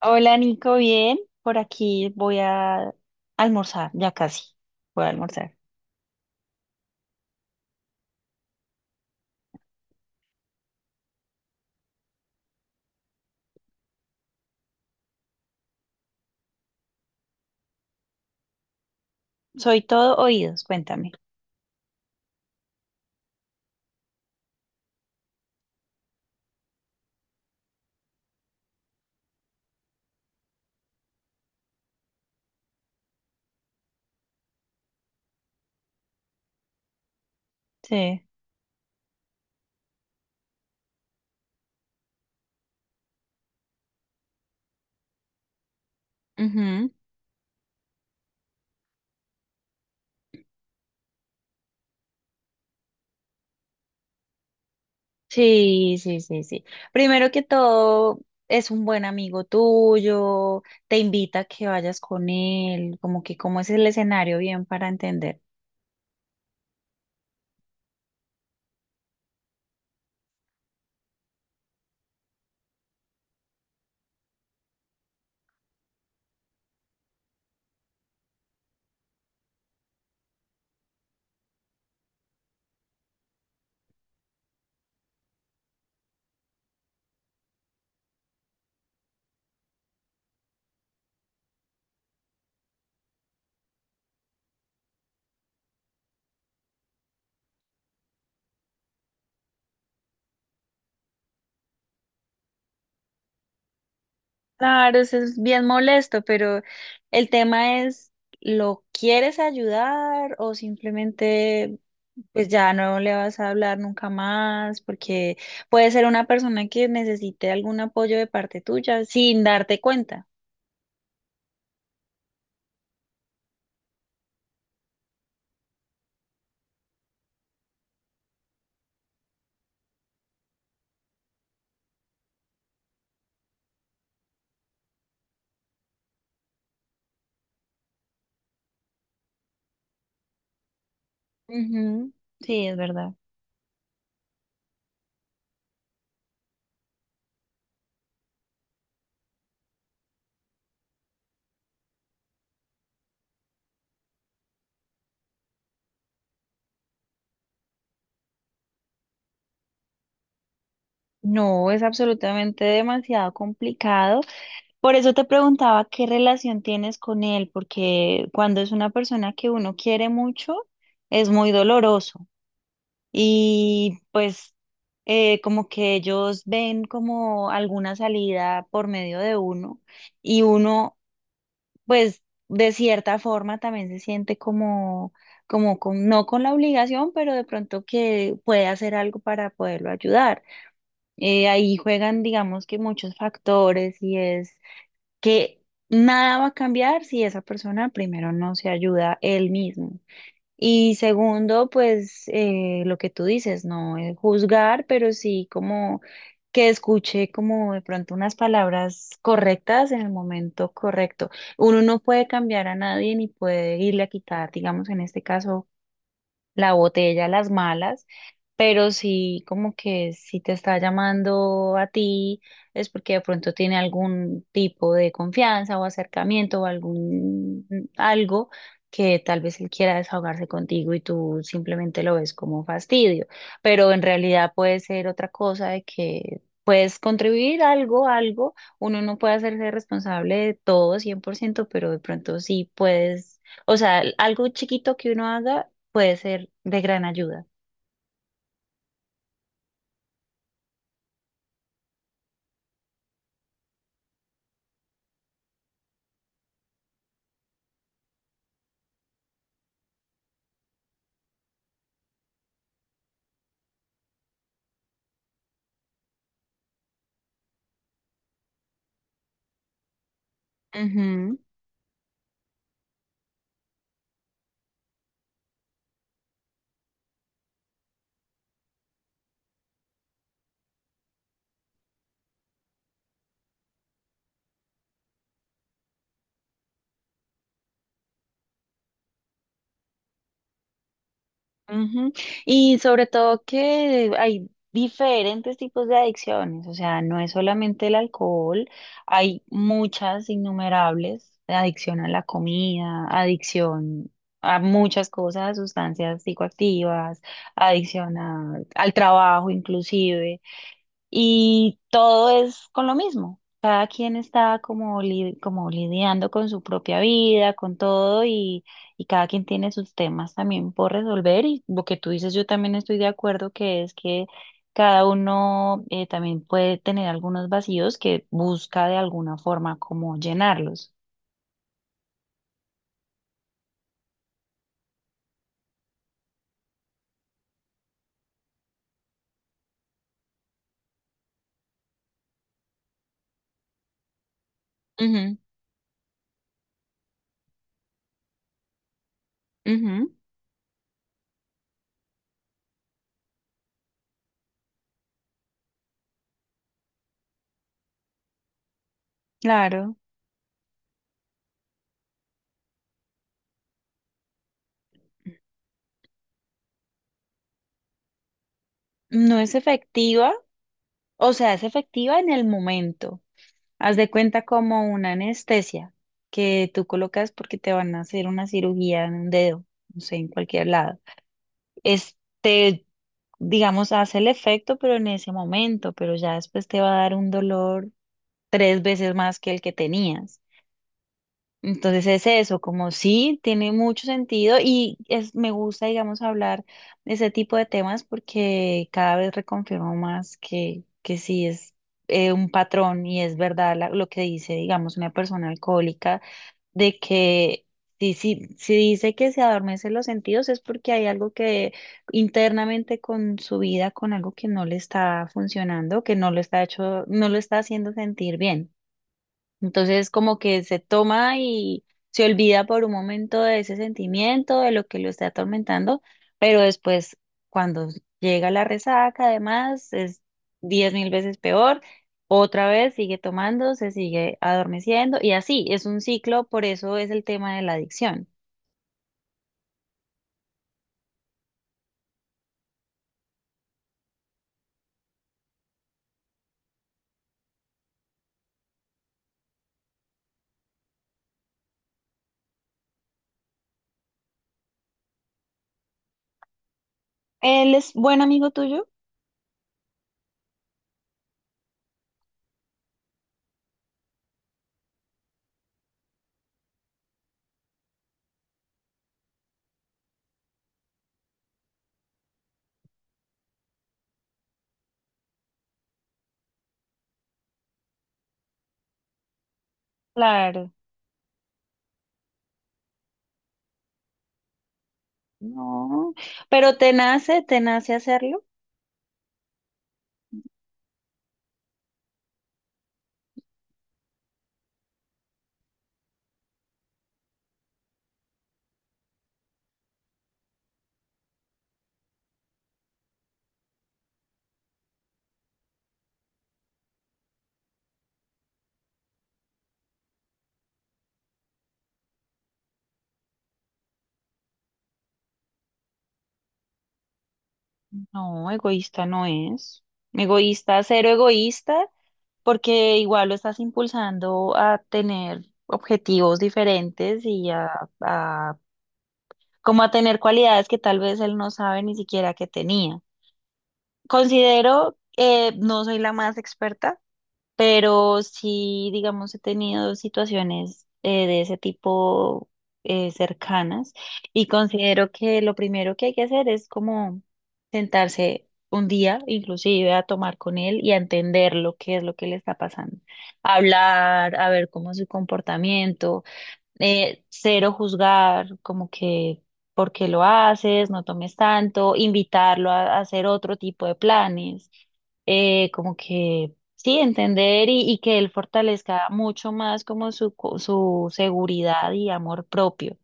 Hola Nico, bien. Por aquí voy a almorzar, ya casi. Voy a almorzar. Soy todo oídos, cuéntame. Sí. Ujú. Sí, sí, sí, sí. Primero que todo, es un buen amigo tuyo, te invita a que vayas con él, como que cómo es el escenario bien para entender. Claro, eso es bien molesto, pero el tema es, ¿lo quieres ayudar o simplemente pues ya no le vas a hablar nunca más? Porque puede ser una persona que necesite algún apoyo de parte tuya sin darte cuenta. Ujú. Sí, es verdad. No, es absolutamente demasiado complicado. Por eso te preguntaba qué relación tienes con él, porque cuando es una persona que uno quiere mucho, es muy doloroso. Y pues como que ellos ven como alguna salida por medio de uno y uno pues de cierta forma también se siente como, como con, no con la obligación, pero de pronto que puede hacer algo para poderlo ayudar. Ahí juegan digamos que muchos factores y es que nada va a cambiar si esa persona primero no se ayuda él mismo. Y segundo, pues lo que tú dices, no juzgar, pero sí como que escuche como de pronto unas palabras correctas en el momento correcto. Uno no puede cambiar a nadie ni puede irle a quitar, digamos, en este caso la botella, las malas, pero sí, como que si te está llamando a ti es porque de pronto tiene algún tipo de confianza o acercamiento o algún algo que tal vez él quiera desahogarse contigo y tú simplemente lo ves como fastidio, pero en realidad puede ser otra cosa de que puedes contribuir algo, algo, uno no puede hacerse responsable de todo 100% pero de pronto sí puedes o sea, algo chiquito que uno haga puede ser de gran ayuda. Ujú, ujú. Y sobre todo que hay diferentes tipos de adicciones, o sea, no es solamente el alcohol, hay muchas innumerables, adicción a la comida, adicción a muchas cosas, a sustancias psicoactivas, adicción al trabajo inclusive. Y todo es con lo mismo. Cada quien está como, como lidiando con su propia vida, con todo, y cada quien tiene sus temas también por resolver. Y lo que tú dices, yo también estoy de acuerdo, que es que cada uno también puede tener algunos vacíos que busca de alguna forma como llenarlos. Ujú, ujú, claro. No es efectiva. O sea, es efectiva en el momento. Haz de cuenta como una anestesia que tú colocas porque te van a hacer una cirugía en un dedo, no sé, en cualquier lado. Este, digamos, hace el efecto, pero en ese momento, pero ya después te va a dar un dolor tres veces más que el que tenías. Entonces es eso, como sí, tiene mucho sentido y es, me gusta, digamos, hablar de ese tipo de temas porque cada vez reconfirmo más que sí es un patrón y es verdad lo que dice, digamos, una persona alcohólica, de que si dice que se adormecen los sentidos es porque hay algo que internamente con su vida, con algo que no le está funcionando, que no lo está hecho, no lo está haciendo sentir bien. Entonces como que se toma y se olvida por un momento de ese sentimiento, de lo que lo está atormentando, pero después cuando llega la resaca además es 10.000 veces peor, otra vez sigue tomando, se sigue adormeciendo y así, es un ciclo, por eso es el tema de la adicción. ¿Él es buen amigo tuyo? Claro, no, pero te nace hacerlo. No, egoísta no es. Egoísta, cero egoísta. Porque igual lo estás impulsando a tener objetivos diferentes y a, a- como a tener cualidades que tal vez él no sabe ni siquiera que tenía. Considero, no soy la más experta, pero sí, digamos, he tenido situaciones de ese tipo cercanas y considero que lo primero que hay que hacer es como sentarse un día, inclusive a tomar con él y a entender lo que es lo que le está pasando, hablar, a ver cómo es su comportamiento, cero juzgar, como que por qué lo haces, no tomes tanto, invitarlo a hacer otro tipo de planes, como que sí, entender y que él fortalezca mucho más como su, su seguridad y amor propio.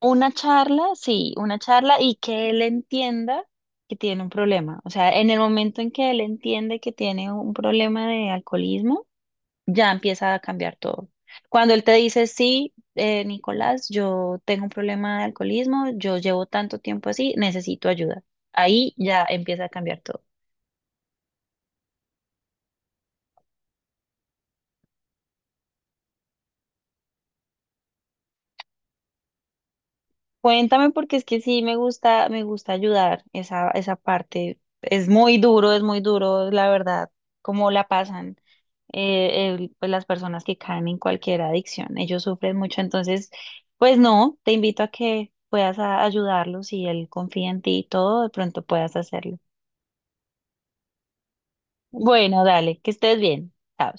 Una charla, sí, una charla y que él entienda que tiene un problema. O sea, en el momento en que él entiende que tiene un problema de alcoholismo, ya empieza a cambiar todo. Cuando él te dice, sí, Nicolás, yo tengo un problema de alcoholismo, yo llevo tanto tiempo así, necesito ayuda. Ahí ya empieza a cambiar todo. Cuéntame porque es que sí me gusta ayudar esa, esa parte. Es muy duro, la verdad, cómo la pasan pues las personas que caen en cualquier adicción. Ellos sufren mucho, entonces, pues no, te invito a que puedas ayudarlos y él confía en ti y todo, de pronto puedas hacerlo. Bueno, dale, que estés bien. Chao.